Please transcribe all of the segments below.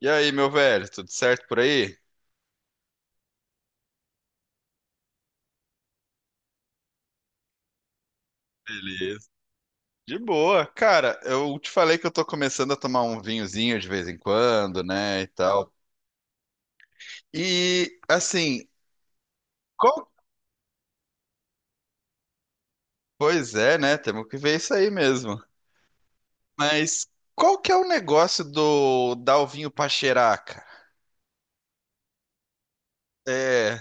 E aí, meu velho, tudo certo por aí? Beleza. De boa. Cara, eu te falei que eu tô começando a tomar um vinhozinho de vez em quando, né, e tal. E, assim, qual... Pois é, né, temos que ver isso aí mesmo. Mas qual que é o negócio do dar o vinho pra cheirar, cara? É...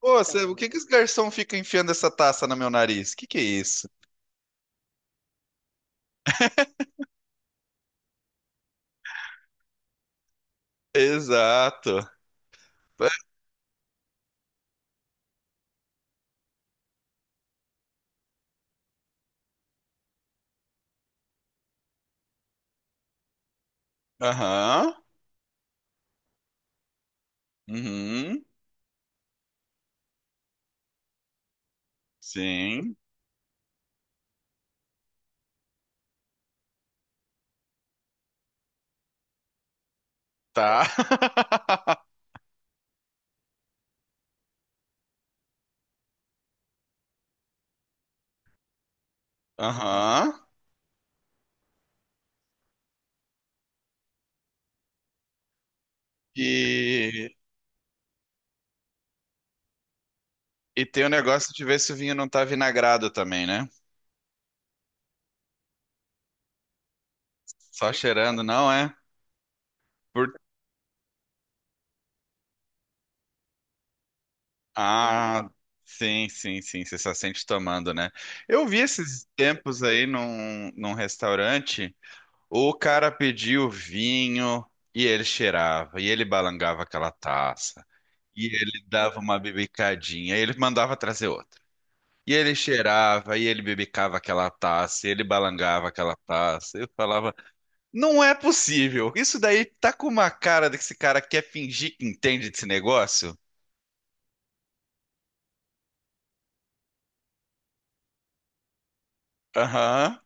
Pô, o que que os garçom ficam enfiando essa taça no meu nariz? Que é isso? Exato. Aham. Uhum. Sim. Tá. Aham. E, e tem o negócio de ver se o vinho não tá vinagrado também, né? Só cheirando, não é? Por... Ah, sim, sim, sim. Você só sente tomando, né? Eu vi esses tempos aí num restaurante, o cara pediu vinho e ele cheirava, e ele balangava aquela taça, e ele dava uma bibicadinha, e ele mandava trazer outra. E ele cheirava, e ele bibicava aquela taça, e ele balangava aquela taça. Eu falava. Não é possível. Isso daí tá com uma cara de que esse cara quer fingir que entende desse negócio? Aham.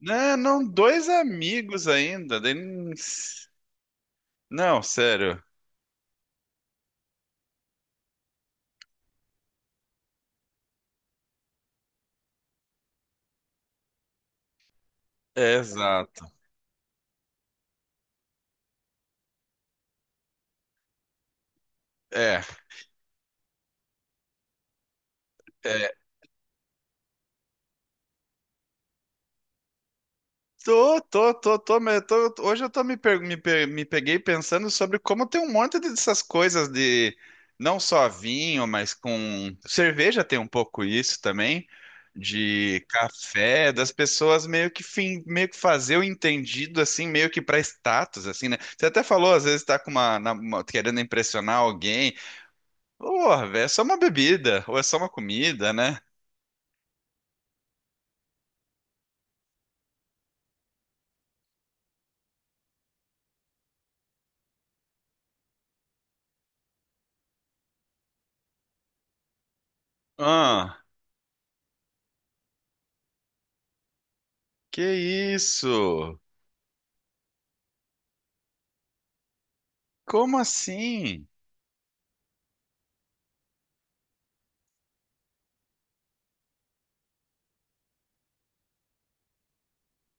Né, não, dois amigos ainda. Daí não- Não, sério. É, exato. É. É. Hoje eu tô me, per- me, pe- me peguei pensando sobre como tem um monte dessas coisas de não só vinho, mas com cerveja tem um pouco isso também, de café, das pessoas meio que fim, meio que fazer o entendido assim, meio que pra status assim, né? Você até falou, às vezes tá com querendo impressionar alguém. Porra, velho, é só uma bebida ou é só uma comida, né? Ah, que isso? Como assim?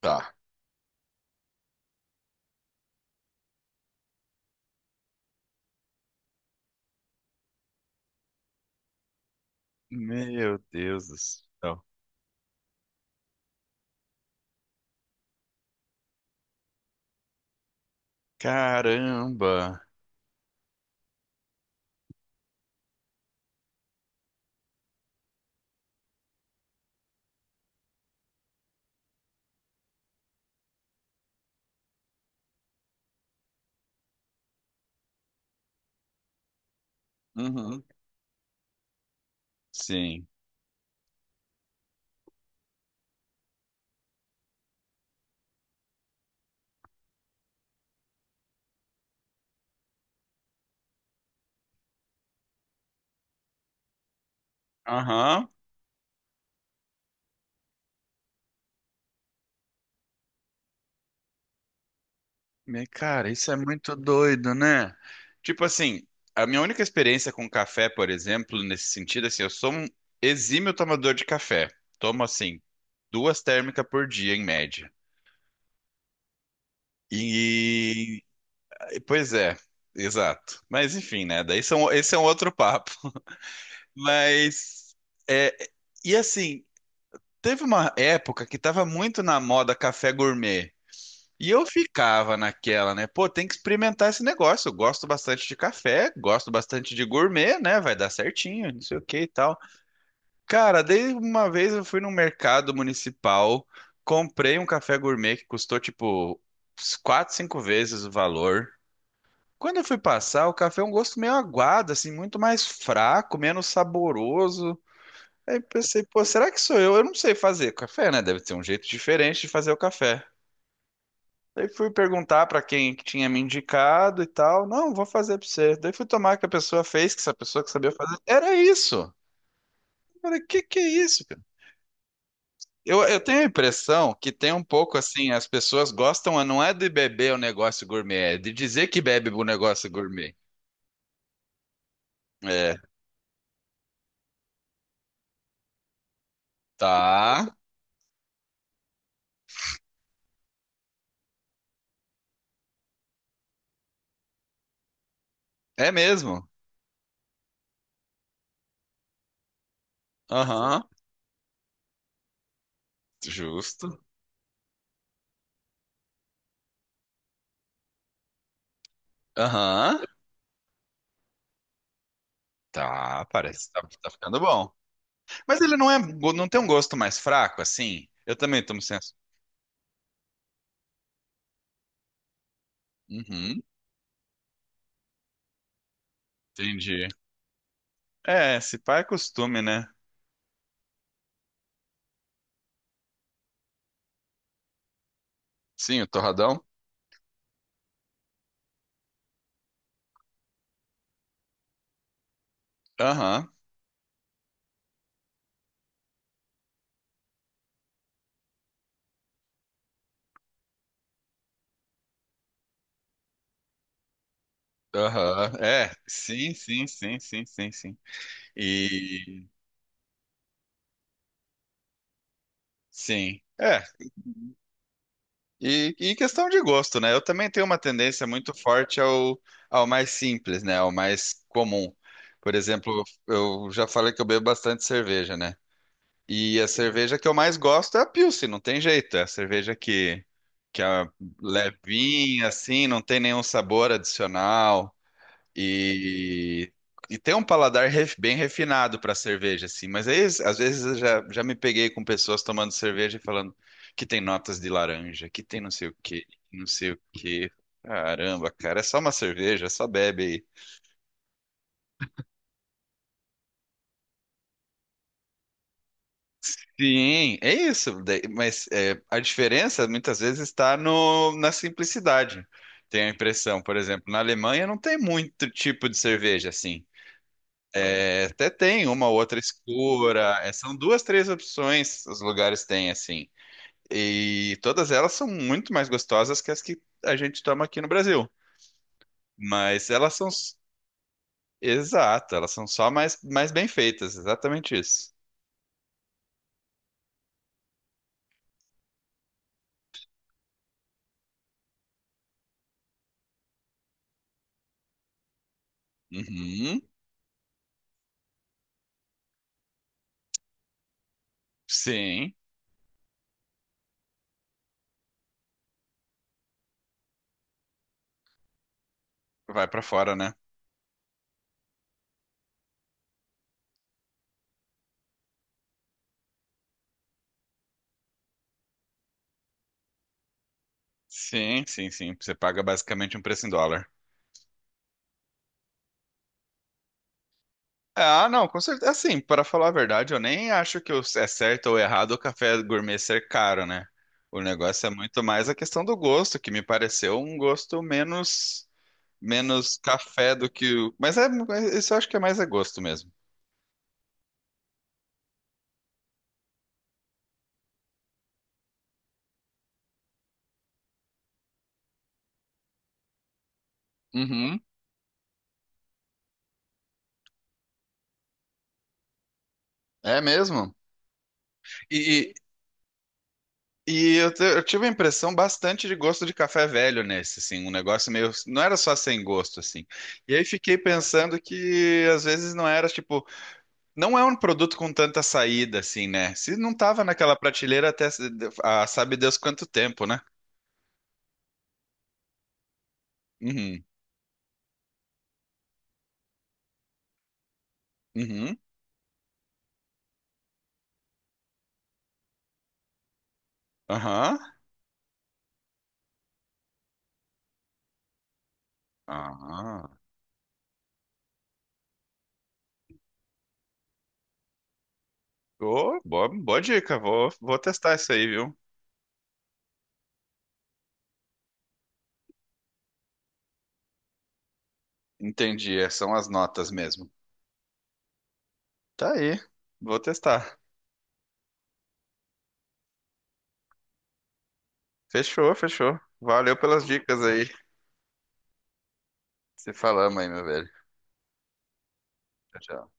Tá. Meu Deus do céu. Caramba. Uhum. Sim. Aham. Cara, isso é muito doido, né? Tipo assim, a minha única experiência com café, por exemplo, nesse sentido, assim, eu sou um exímio tomador de café. Tomo, assim, duas térmicas por dia, em média. E, pois é, exato. Mas enfim, né? Daí são, esse é um outro papo. Mas, é, e assim, teve uma época que tava muito na moda café gourmet. E eu ficava naquela, né? Pô, tem que experimentar esse negócio. Eu gosto bastante de café, gosto bastante de gourmet, né? Vai dar certinho, não sei o que e tal. Cara, desde uma vez eu fui num mercado municipal, comprei um café gourmet que custou tipo quatro, cinco vezes o valor. Quando eu fui passar, o café é um gosto meio aguado, assim, muito mais fraco, menos saboroso. Aí pensei, pô, será que sou eu? Eu não sei fazer café, né? Deve ter um jeito diferente de fazer o café. Aí fui perguntar pra quem que tinha me indicado e tal. Não, vou fazer pra você. Daí fui tomar que a pessoa fez, que essa pessoa que sabia fazer. Era isso. Eu falei, que é isso, cara? Eu tenho a impressão que tem um pouco assim, as pessoas gostam, não é de beber o negócio gourmet, é de dizer que bebe o negócio gourmet. É, tá. É mesmo. Aham, justo. Aham, tá, parece que tá, tá ficando bom. Mas ele não é, não tem um gosto mais fraco, assim? Eu também tomo senso. Uhum, entendi. É, se pá é costume, né? Sim, o torradão? Aham, aham. É, sim, sim, sim, sim, sim, sim. E, sim, é. E questão de gosto, né? Eu também tenho uma tendência muito forte ao, ao mais simples, né? Ao mais comum. Por exemplo, eu já falei que eu bebo bastante cerveja, né? E a cerveja que eu mais gosto é a Pilsen, não tem jeito. É a cerveja que é levinha, assim, não tem nenhum sabor adicional. E, e tem um paladar bem refinado para cerveja, assim. Mas aí, às vezes eu já, já me peguei com pessoas tomando cerveja e falando que tem notas de laranja, que tem não sei o quê, que não sei o quê. Caramba, cara, é só uma cerveja, só bebe aí. Sim, é isso. Mas é, a diferença muitas vezes está no, na simplicidade. Tenho a impressão, por exemplo, na Alemanha não tem muito tipo de cerveja assim. É, até tem uma ou outra escura. É, são duas, três opções os lugares têm assim. E todas elas são muito mais gostosas que as que a gente toma aqui no Brasil. Mas elas são, exato, elas são só mais, mais bem feitas. Exatamente isso. Uhum, sim, vai para fora, né? Sim, sim, sim. Você paga basicamente um preço em dólar. Ah, não, com certeza. Assim, para falar a verdade, eu nem acho que é certo ou errado o café gourmet ser caro, né? O negócio é muito mais a questão do gosto, que me pareceu um gosto menos menos café do que o. Mas é, mas isso eu acho que é mais é gosto mesmo. Uhum. É mesmo. E, e eu, eu tive a impressão bastante de gosto de café velho nesse, assim, um negócio meio. Não era só sem gosto, assim. E aí fiquei pensando que às vezes não era tipo. Não é um produto com tanta saída, assim, né? Se não tava naquela prateleira até ah, sabe Deus quanto tempo, né? Uhum, uhum, aham, ah, ô, boa, boa dica, vou testar isso aí, viu? Entendi, é, são as notas mesmo. Tá aí, vou testar. Fechou, fechou. Valeu pelas dicas aí. Se falamos aí, meu velho. Tchau, tchau.